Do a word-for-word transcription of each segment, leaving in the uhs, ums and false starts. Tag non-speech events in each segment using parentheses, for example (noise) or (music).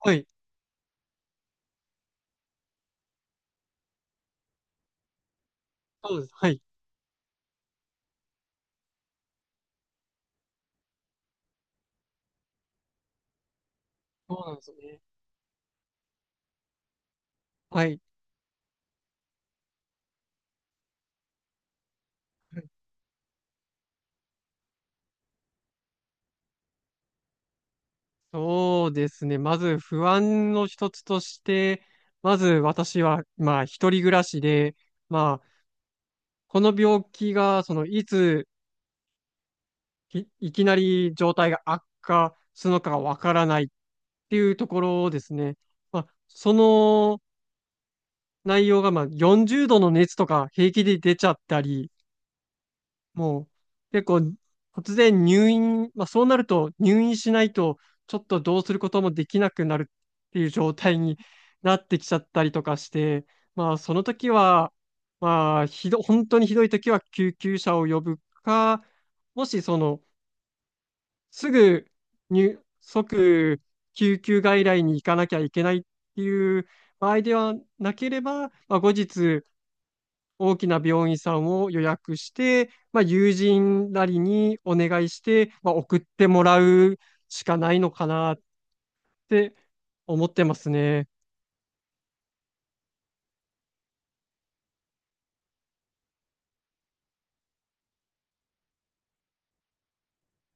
はい。そうです。はい。そうなんですよね。はい。はい。そうですね。まず不安の一つとして、まず私は、まあ、一人暮らしで、まあ、この病気が、その、いつ、い、いきなり状態が悪化するのかがわからないっていうところですね。まあ、その内容が、まあ、よんじゅうどの熱とか平気で出ちゃったり、もう結構突然入院、まあそうなると入院しないとちょっとどうすることもできなくなるっていう状態になってきちゃったりとかして、まあその時は、まあひど、本当にひどい時は救急車を呼ぶか、もしそのすぐ入、即救急外来に行かなきゃいけないっていう場合ではなければ、まあ後日大きな病院さんを予約して、まあ、友人なりにお願いして、まあ、送ってもらうしかないのかなって思ってますね。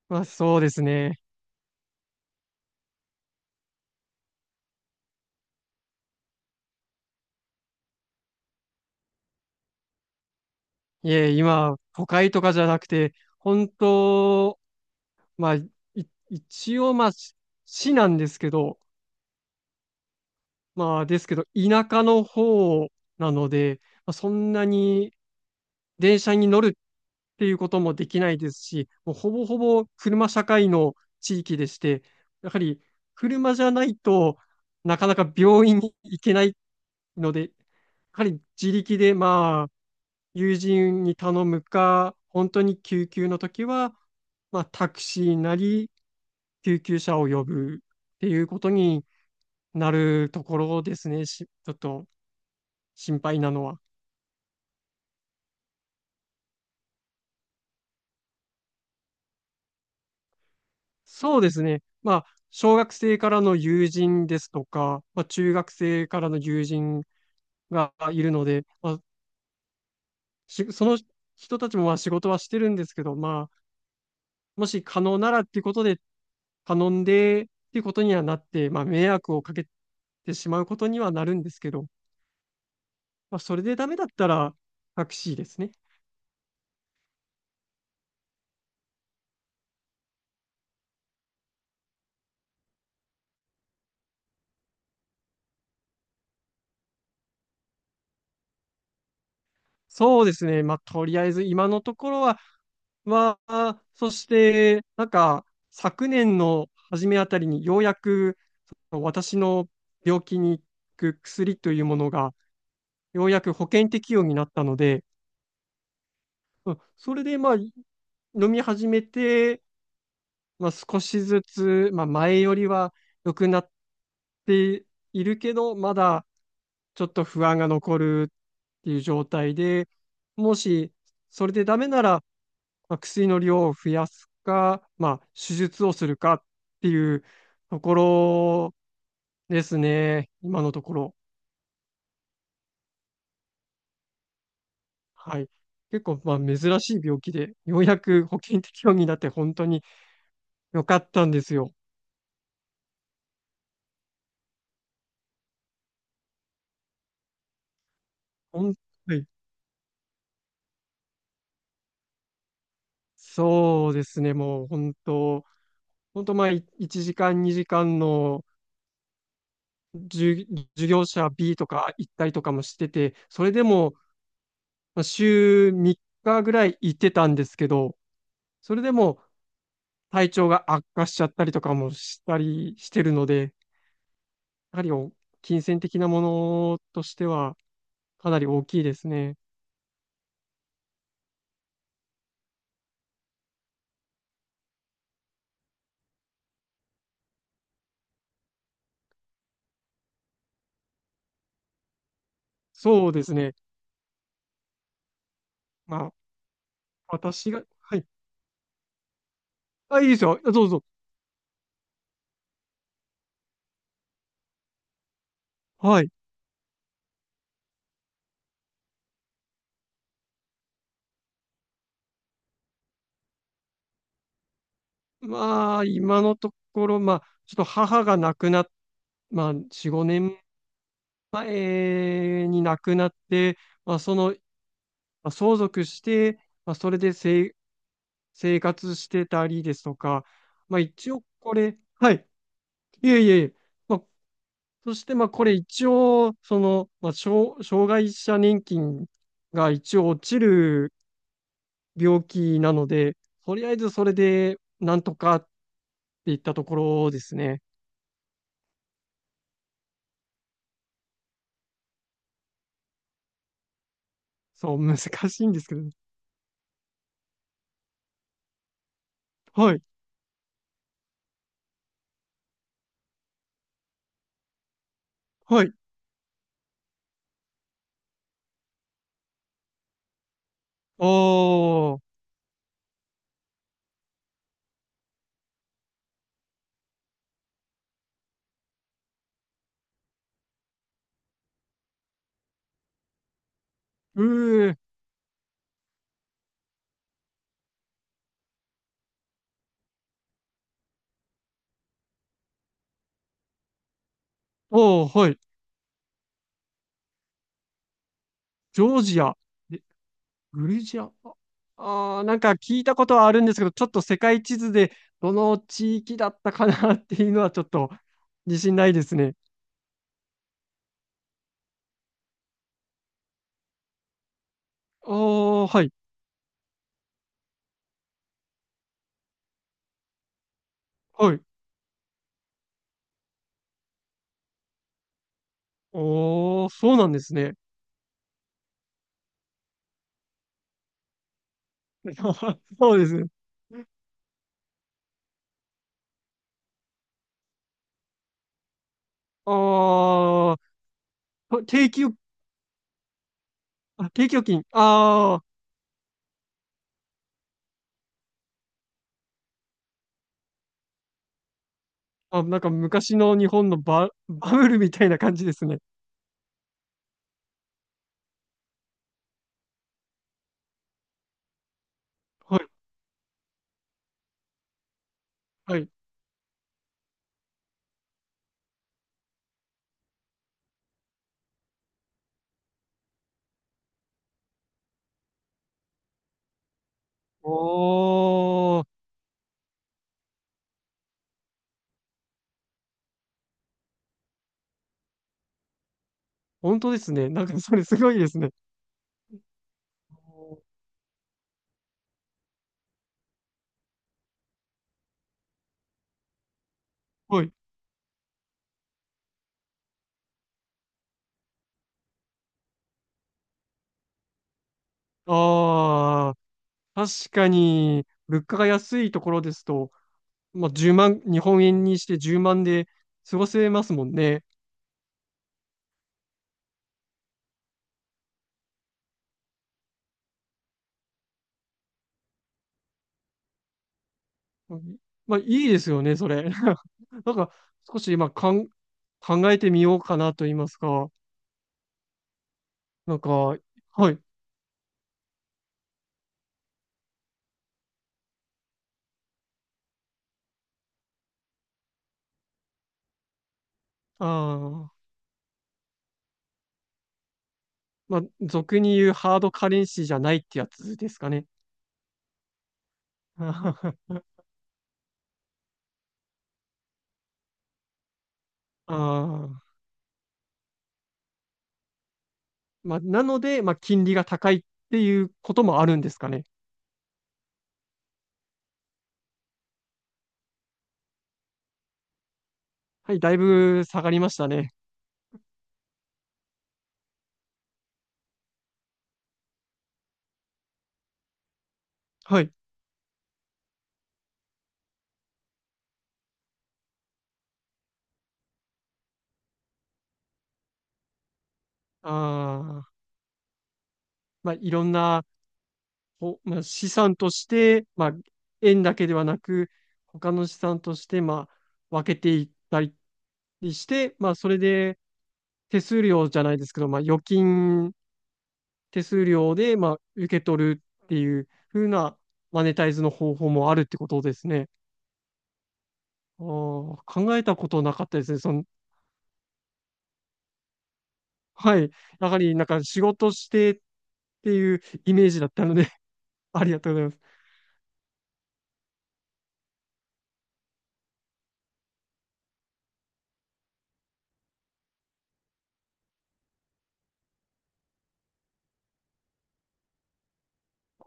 まあ、そうですね。いえ、今、都会とかじゃなくて、本当、まあ、い一応、まあ、し市なんですけど、まあ、ですけど、田舎の方なので、まあ、そんなに電車に乗るっていうこともできないですし、もうほぼほぼ車社会の地域でして、やはり車じゃないとなかなか病院に行けないので、やはり自力でまあ友人に頼むか、本当に救急の時は、まあ、タクシーなり救急車を呼ぶっていうことになるところですね、しちょっと心配なのは。そうですね。まあ、小学生からの友人ですとか、まあ、中学生からの友人がいるので、まあ、しその人たちもまあ仕事はしてるんですけど、まあ、もし可能ならっていうことで頼んでっていうことにはなって、まあ、迷惑をかけてしまうことにはなるんですけど、まあ、それでダメだったらタクシーですね。そうですね。まあ、とりあえず今のところはは、そして、なんか、昨年の初めあたりにようやく、その私の病気に効く薬というものが、ようやく保険適用になったので、うん、それで、まあ、飲み始めて、まあ、少しずつ、まあ、前よりは良くなっているけど、まだちょっと不安が残るっていう状態で、もしそれでダメなら、まあ、薬の量を増やすか、まあ、手術をするかっていうところですね、今のところ。はい。結構、まあ、珍しい病気で、ようやく保険適用になって本当に良かったんですよ。ほん、はい。そうですね、もう本当、本当、まあ、いいちじかん、にじかんの授授業者 B とか行ったりとかもしてて、それでも、まあ週みっかぐらい行ってたんですけど、それでも、体調が悪化しちゃったりとかもしたりしてるので、やはりお金銭的なものとしてはかなり大きいですね。そうですね。まあ、私が、はい。あ、いいですよ。どうぞ。はい。まあ、今のところ、まあ、ちょっと母が亡くなっ、まあ、よん、ごねんまえに亡くなって、まあ、その、まあ、相続して、まあ、それでせい生活してたりですとか、まあ、一応これ、はい。いえいえいえ、まあ、そして、まあ、これ一応、その、まあ、障、障害者年金が一応落ちる病気なので、とりあえずそれで、なんとかっていったところですね。そう、難しいんですけど。はい、はい。あー、うー、おー、はい。ジョージア、えグルジア、ああー、なんか聞いたことはあるんですけど、ちょっと世界地図でどの地域だったかなっていうのはちょっと自信ないですね。ああ、はい。はい。おー、そうなんですね。(laughs) そうです。あー、定期預、あ、定期預金。あー、あ、なんか昔の日本のバ、バブルみたいな感じですね。はい、はい。おー、本当ですね。なんかそれすごいですね。おー、はい。あー、確かに、物価が安いところですと、まあ、じゅうまん、日本円にしてじゅうまんで過ごせますもんね。うん、まあ、いいですよね、それ。(laughs) なんか、少し今かん、考えてみようかなと言いますか、なんか、はい。ああ、まあ、俗に言うハードカレンシーじゃないってやつですかね。(laughs) ああ、まあ、なので、まあ、金利が高いっていうこともあるんですかね。はい、だいぶ下がりましたね。はい。ああ、まあ、いろんな、ほまあ、資産として、まあ、円だけではなく、他の資産として、まあ、分けていったりりして、まあ、それで手数料じゃないですけど、まあ、預金手数料で、まあ、受け取るっていう風なマネタイズの方法もあるってことですね。あー考えたことなかったですね。その、はい。やはり、なんか仕事してっていうイメージだったので (laughs) ありがとうございます。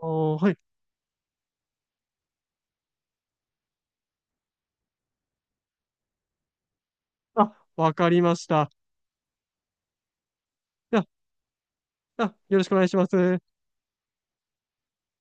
あー、はい。あ、わかりました。じゃあ、あよろしくお願いします。